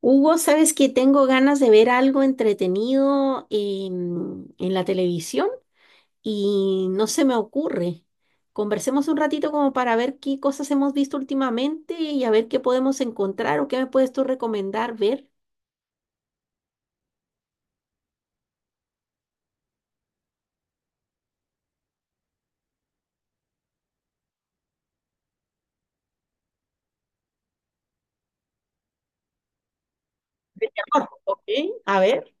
Hugo, ¿sabes que tengo ganas de ver algo entretenido en la televisión y no se me ocurre? Conversemos un ratito como para ver qué cosas hemos visto últimamente y a ver qué podemos encontrar o qué me puedes tú recomendar ver. Ah, ok, a ver.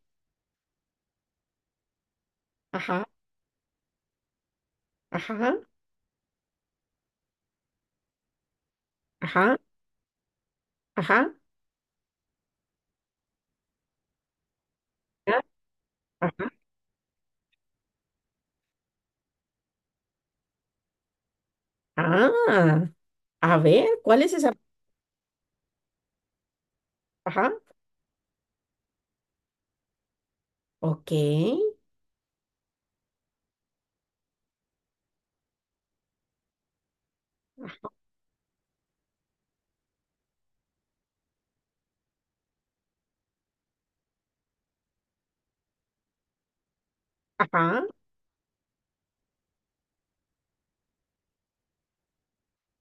Ajá, ajá, ajá, ajá, ah, ajá. Ah, a ver, ¿cuál es esa? Ajá, ok, ajá,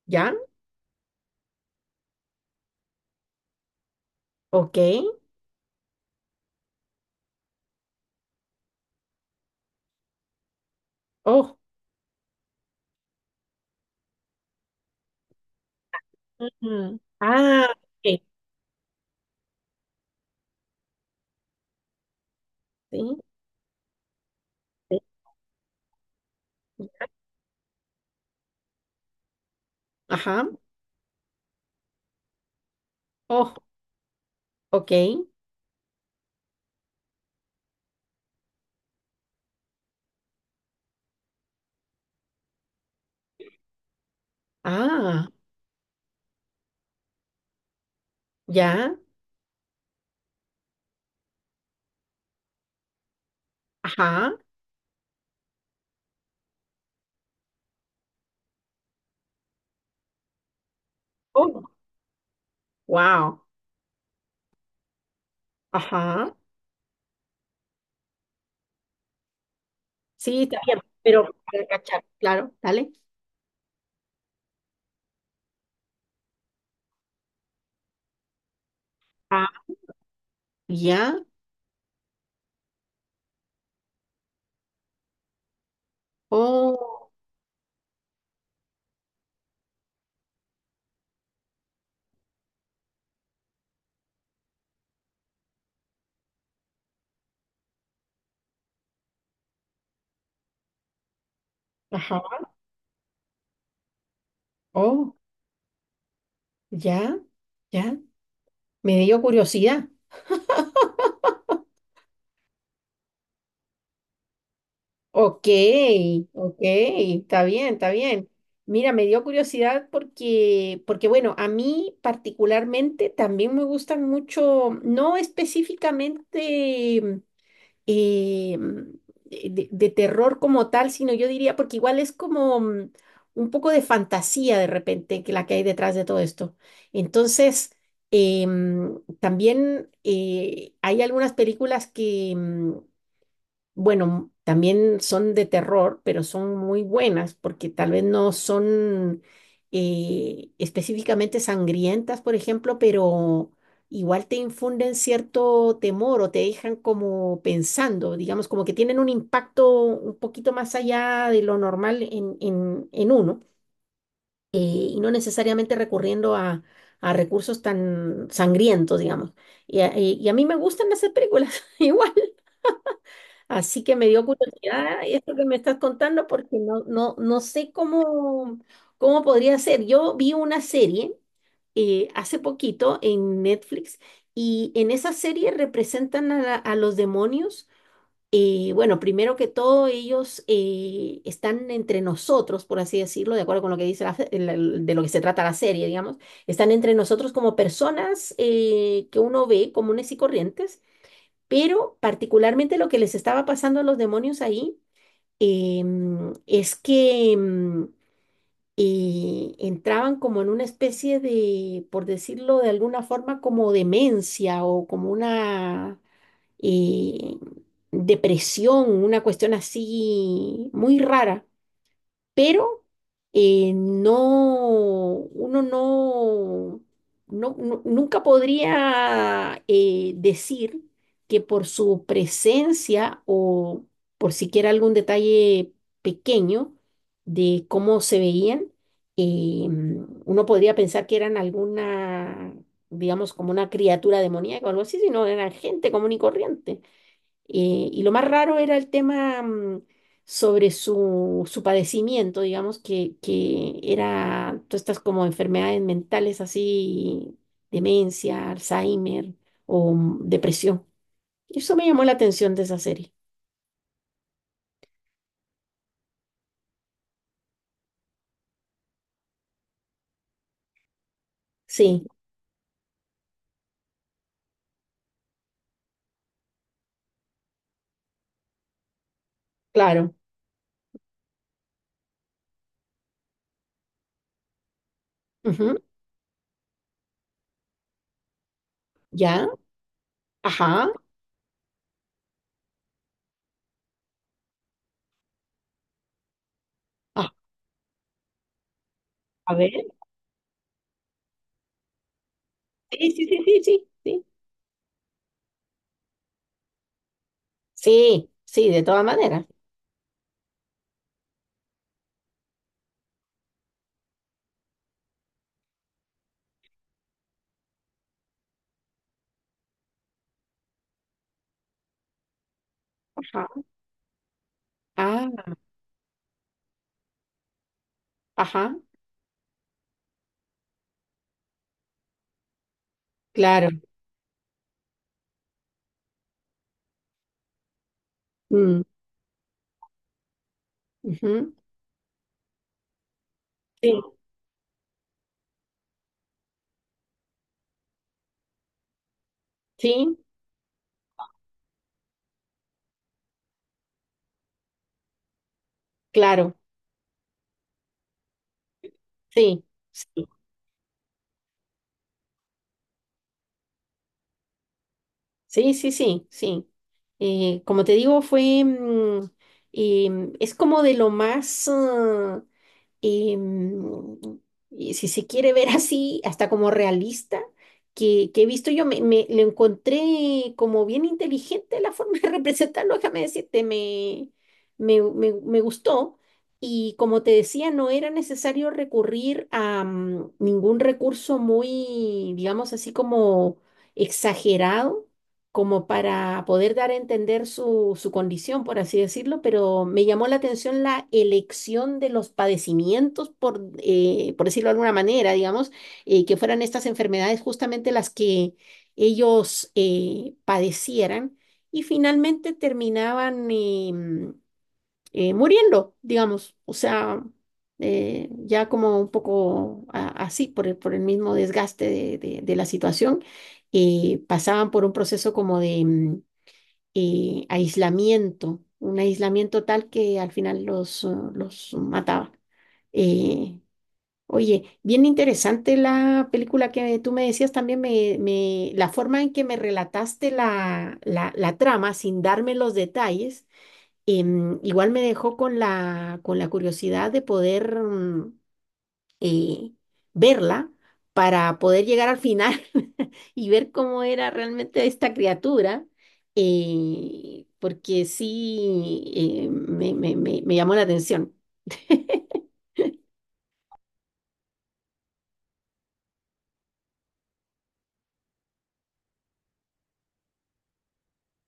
ya, ok. Oh, ujú. Ah, ok, sí. Ajá. Oh, ok. Ah, ya. Ajá. Oh, wow. Ajá. Sí, está bien, pero para cachar, claro, dale. Ah, ya. Oh, ajá. Oh, ya. Ya. Me dio curiosidad. Ok, ok, está bien, está bien. Mira, me dio curiosidad porque, porque bueno, a mí particularmente también me gustan mucho, no específicamente. eh, de terror como tal, sino yo diría, porque igual es como un poco de fantasía de repente que la que hay detrás de todo esto. Entonces, también hay algunas películas que, bueno, también son de terror, pero son muy buenas porque tal vez no son específicamente sangrientas, por ejemplo, pero igual te infunden cierto temor o te dejan como pensando, digamos, como que tienen un impacto un poquito más allá de lo normal en uno, y no necesariamente recurriendo a recursos tan sangrientos, digamos. Y a mí me gustan hacer películas igual. Así que me dio curiosidad esto que me estás contando porque no, no, no sé cómo, cómo podría ser. Yo vi una serie hace poquito en Netflix y en esa serie representan a, a los demonios. Bueno, primero que todo, ellos están entre nosotros, por así decirlo, de acuerdo con lo que dice la fe- el- de lo que se trata la serie, digamos, están entre nosotros como personas que uno ve comunes y corrientes, pero particularmente lo que les estaba pasando a los demonios ahí es que entraban como en una especie de, por decirlo de alguna forma, como demencia o como una eh, depresión, una cuestión así muy rara, pero no, uno no, nunca podría decir que por su presencia o por siquiera algún detalle pequeño de cómo se veían, eh, uno podría pensar que eran alguna, digamos, como una criatura demoníaca o algo así, sino eran gente común y corriente. Y lo más raro era el tema sobre su, su padecimiento, digamos, que era todas estas como enfermedades mentales así, demencia, Alzheimer o depresión. Eso me llamó la atención de esa serie. Sí, claro. Ujú, ya, ajá. Ah, a ver. Sí, sí, sí, sí, sí, sí. Sí, sí, de todas maneras. Ajá. Ah, ajá, claro. Mm, ujú, sí, sí, claro. Sí. Sí. Sí, sí, sí, sí. Como te digo, fue, es como de lo más, em, y si se quiere ver así, hasta como realista, que he visto yo, lo encontré como bien inteligente la forma de representarlo, déjame decirte, me gustó. Y como te decía, no era necesario recurrir a ningún recurso muy, digamos así como exagerado como para poder dar a entender su, su condición, por así decirlo, pero me llamó la atención la elección de los padecimientos, por decirlo de alguna manera, digamos, que fueran estas enfermedades justamente las que ellos padecieran y finalmente terminaban, muriendo, digamos, o sea, ya como un poco así, por el mismo desgaste de la situación, pasaban por un proceso como de aislamiento, un aislamiento tal que al final los mataba. Eh, Oye, bien interesante la película que tú me decías, también la forma en que me relataste la trama sin darme los detalles. Igual me dejó con la curiosidad de poder eh, verla para poder llegar al final y ver cómo era realmente esta criatura, porque sí me llamó la atención.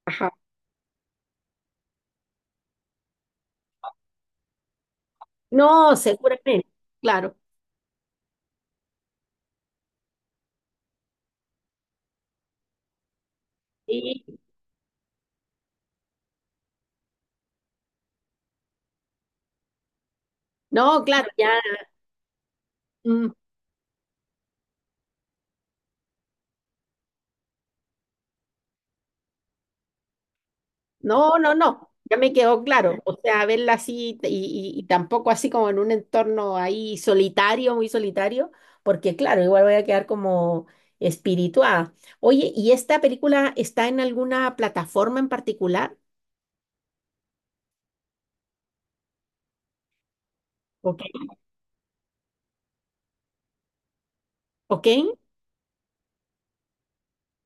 Ajá. No, seguramente, claro. Sí. No, claro, ya. Mm, no, no, no, ya me quedó claro. O sea, verla así y, y tampoco así como en un entorno ahí solitario, muy solitario, porque claro, igual voy a quedar como espirituada. Oye, ¿y esta película está en alguna plataforma en particular? Ok. ¿Ok?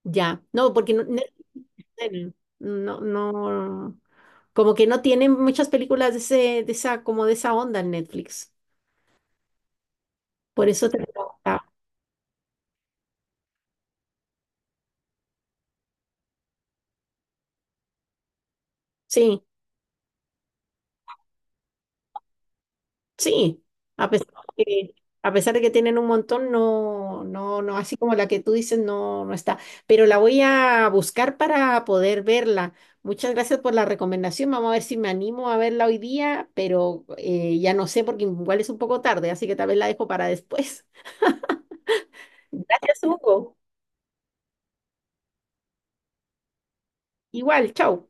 Ya. No, porque no, ne- no, no, como que no tienen muchas películas de ese, de esa, como de esa onda en Netflix. Por eso te preguntaba. Sí. Sí, a pesar de que, a pesar de que tienen un montón, no, no, no, así como la que tú dices, no, no está. Pero la voy a buscar para poder verla. Muchas gracias por la recomendación. Vamos a ver si me animo a verla hoy día, pero ya no sé porque igual es un poco tarde, así que tal vez la dejo para después. Gracias, Hugo. Igual, chao.